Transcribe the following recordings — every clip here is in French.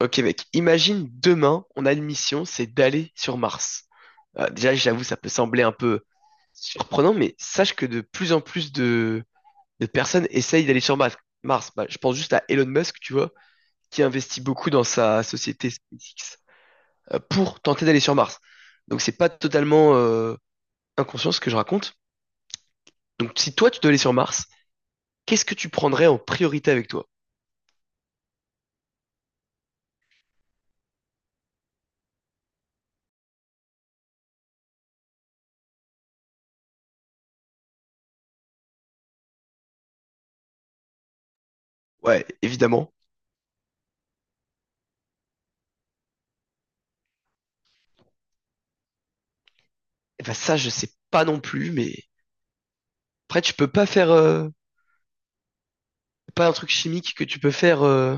Ok mec, imagine demain, on a une mission, c'est d'aller sur Mars. Déjà, j'avoue, ça peut sembler un peu surprenant, mais sache que de plus en plus de personnes essayent d'aller sur Mars. Mars. Bah, je pense juste à Elon Musk, tu vois, qui investit beaucoup dans sa société SpaceX pour tenter d'aller sur Mars. Donc c'est pas totalement inconscient ce que je raconte. Donc si toi tu dois aller sur Mars, qu'est-ce que tu prendrais en priorité avec toi? Ouais, évidemment. Et bah ça, je sais pas non plus, mais après tu peux pas faire. C'est pas un truc chimique que tu peux faire.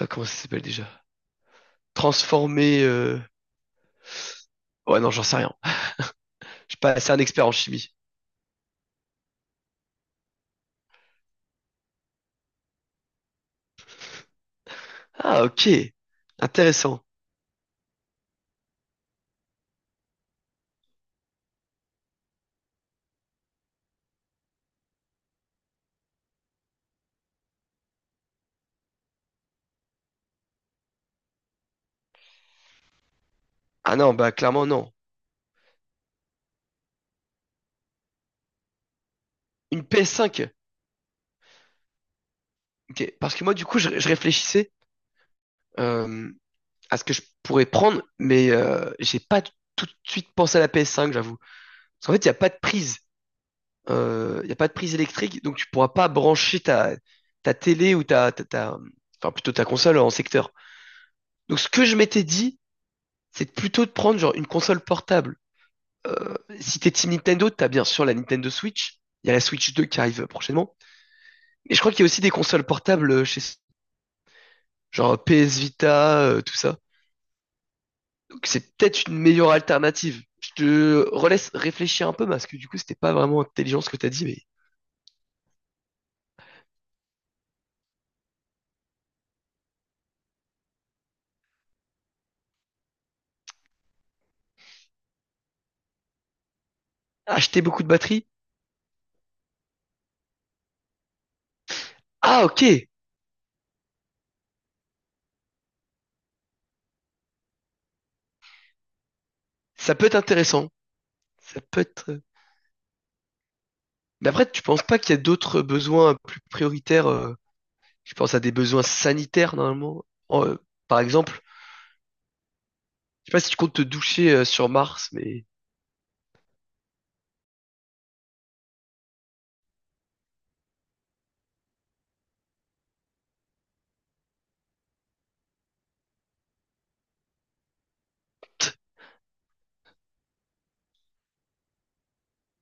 Comment ça s'appelle déjà? Transformer. Ouais, non, j'en sais rien. Je suis pas assez un expert en chimie. Ah, ok. Intéressant. Ah non, bah clairement non. Une PS5. Ok. Parce que moi, du coup, je réfléchissais euh, à ce que je pourrais prendre, mais j'ai pas tout de suite pensé à la PS5, j'avoue. Parce qu'en fait, il n'y a pas de prise. Il n'y a pas de prise électrique, donc tu pourras pas brancher ta télé ou enfin plutôt ta console en secteur. Donc ce que je m'étais dit, c'est plutôt de prendre genre une console portable. Euh, Si t'es Team Nintendo, t'as bien sûr la Nintendo Switch. Il y a la Switch 2 qui arrive prochainement. Mais je crois qu'il y a aussi des consoles portables chez genre PS Vita, tout ça. Donc c'est peut-être une meilleure alternative. Je te relaisse réfléchir un peu parce que du coup c'était pas vraiment intelligent ce que t'as dit, mais acheter beaucoup de batteries. Ah ok, ça peut être intéressant. Ça peut être. Mais après, tu penses pas qu'il y a d'autres besoins plus prioritaires? Je pense à des besoins sanitaires normalement. En- euh, Par exemple, sais pas si tu comptes te doucher sur Mars, mais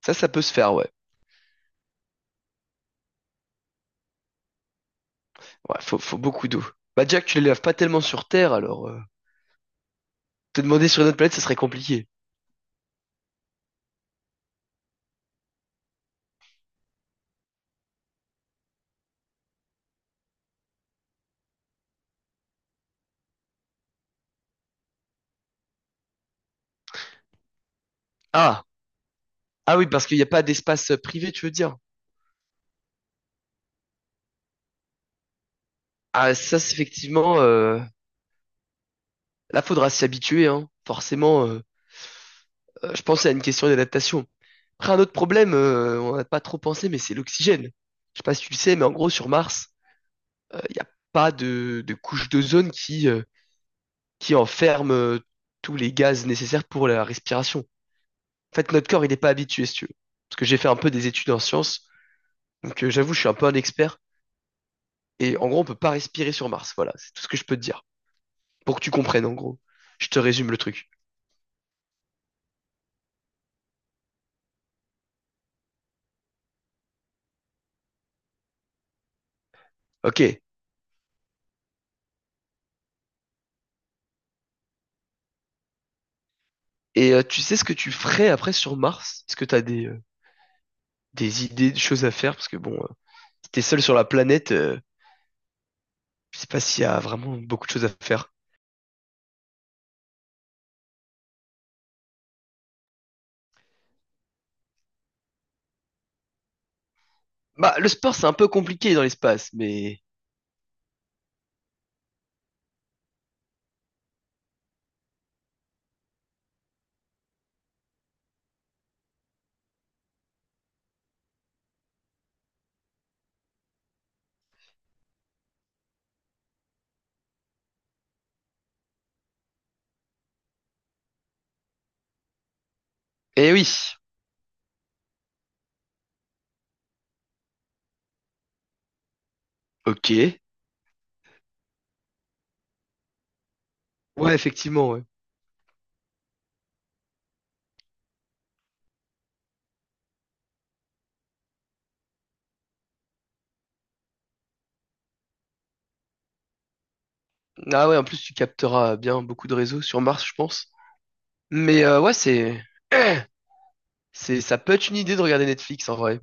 ça peut se faire, ouais. Ouais, faut beaucoup d'eau. Bah, Jack, tu les laves pas tellement sur Terre, alors te demander sur une autre planète, ça serait compliqué. Ah, ah oui, parce qu'il n'y a pas d'espace privé, tu veux dire. Ah, ça, c'est effectivement, là, faudra s'y habituer, hein. Forcément, je pense à une question d'adaptation. Après, un autre problème, on n'a pas trop pensé, mais c'est l'oxygène. Je sais pas si tu le sais, mais en gros, sur Mars, il n'y a pas de couche d'ozone qui qui enferme tous les gaz nécessaires pour la respiration. En fait, notre corps, il n'est pas habitué, si tu veux. Parce que j'ai fait un peu des études en sciences, donc j'avoue, je suis un peu un expert. Et en gros, on peut pas respirer sur Mars. Voilà, c'est tout ce que je peux te dire. Pour que tu comprennes, en gros. Je te résume le truc. Ok. Et tu sais ce que tu ferais après sur Mars? Est-ce que t'as des idées, des choses à faire? Parce que bon, si t'es seul sur la planète, je sais pas s'il y a vraiment beaucoup de choses à faire. Bah, le sport, c'est un peu compliqué dans l'espace, mais... Eh oui. Ok. Ouais, effectivement, ouais. Ah ouais, en plus, tu capteras bien beaucoup de réseaux sur Mars, je pense. Mais ouais, ça peut être une idée de regarder Netflix en vrai.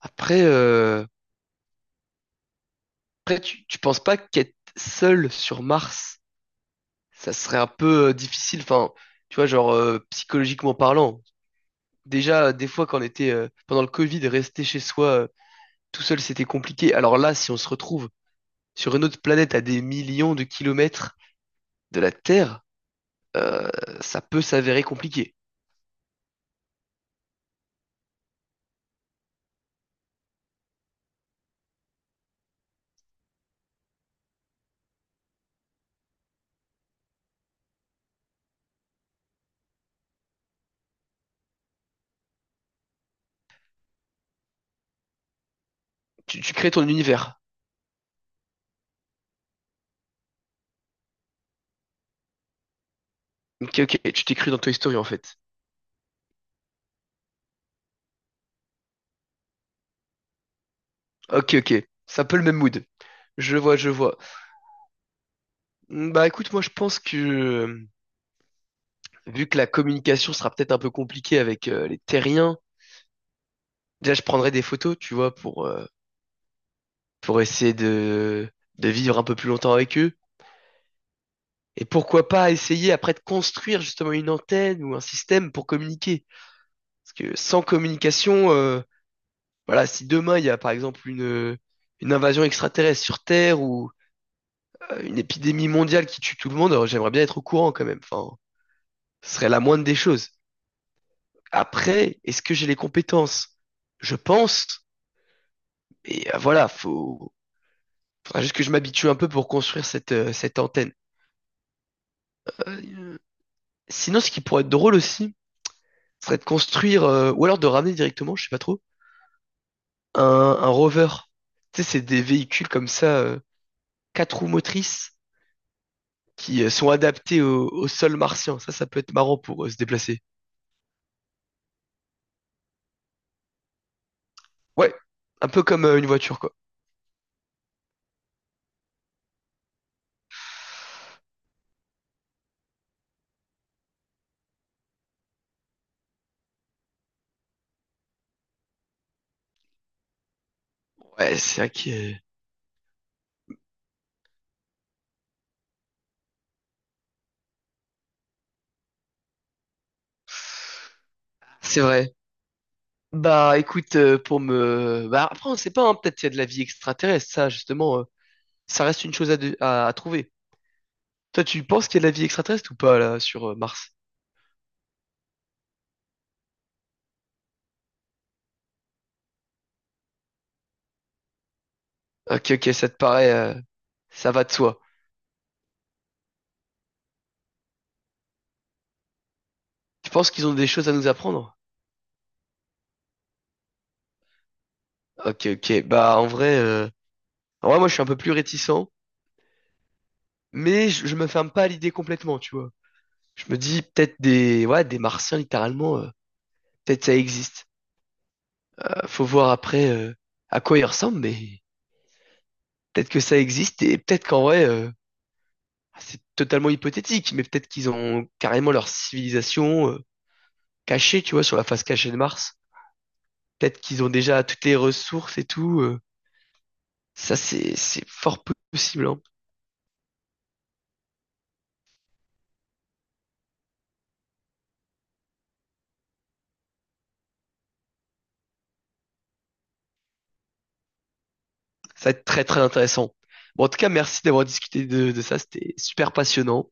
Après, euh, après tu penses pas qu'être seul sur Mars, ça serait un peu difficile, enfin, tu vois, genre psychologiquement parlant. Déjà, des fois, quand on était pendant le Covid, rester chez soi tout seul, c'était compliqué. Alors là, si on se retrouve sur une autre planète à des millions de kilomètres de la Terre, ça peut s'avérer compliqué. Tu crées ton univers. Ok, ok, tu t'es cru dans Toy Story en fait. Ok, ok. C'est un peu le même mood. Je vois, je vois. Mm, bah écoute, moi je pense que vu que la communication sera peut-être un peu compliquée avec les terriens, déjà je prendrai des photos, tu vois, pour essayer de vivre un peu plus longtemps avec eux. Et pourquoi pas essayer après de construire justement une antenne ou un système pour communiquer. Parce que sans communication, voilà, si demain il y a par exemple une invasion extraterrestre sur Terre ou une épidémie mondiale qui tue tout le monde, alors j'aimerais bien être au courant quand même. Enfin, ce serait la moindre des choses. Après, est-ce que j'ai les compétences? Je pense, mais voilà, faut... faudra juste que je m'habitue un peu pour construire cette antenne. Euh, Sinon, ce qui pourrait être drôle aussi, ce serait de construire, ou alors de ramener directement, je sais pas trop, un, un rover. Tu sais, c'est des véhicules comme ça, quatre roues motrices, qui sont adaptés au sol martien. Ça peut être marrant pour se déplacer. Ouais, un peu comme une voiture, quoi. Ouais, c'est vrai que... C'est vrai. Bah écoute, pour me... Bah après, on sait pas, hein, peut-être qu'il y a de la vie extraterrestre, ça justement, ça reste une chose à trouver. Toi, tu penses qu'il y a de la vie extraterrestre ou pas là sur Mars? Ok, ok, ça te paraît, ça va de soi. Tu penses qu'ils ont des choses à nous apprendre? Ok, ok, bah en vrai, moi je suis un peu plus réticent, mais je me ferme pas à l'idée complètement, tu vois. Je me dis peut-être des, ouais, des Martiens littéralement, peut-être ça existe. Faut voir après à quoi ils ressemblent, mais peut-être que ça existe et peut-être qu'en vrai... C'est totalement hypothétique, mais peut-être qu'ils ont carrément leur civilisation cachée, tu vois, sur la face cachée de Mars. Peut-être qu'ils ont déjà toutes les ressources et tout. Ça, c'est fort possible, hein. Ça va être très très intéressant. Bon, en tout cas, merci d'avoir discuté de ça. C'était super passionnant.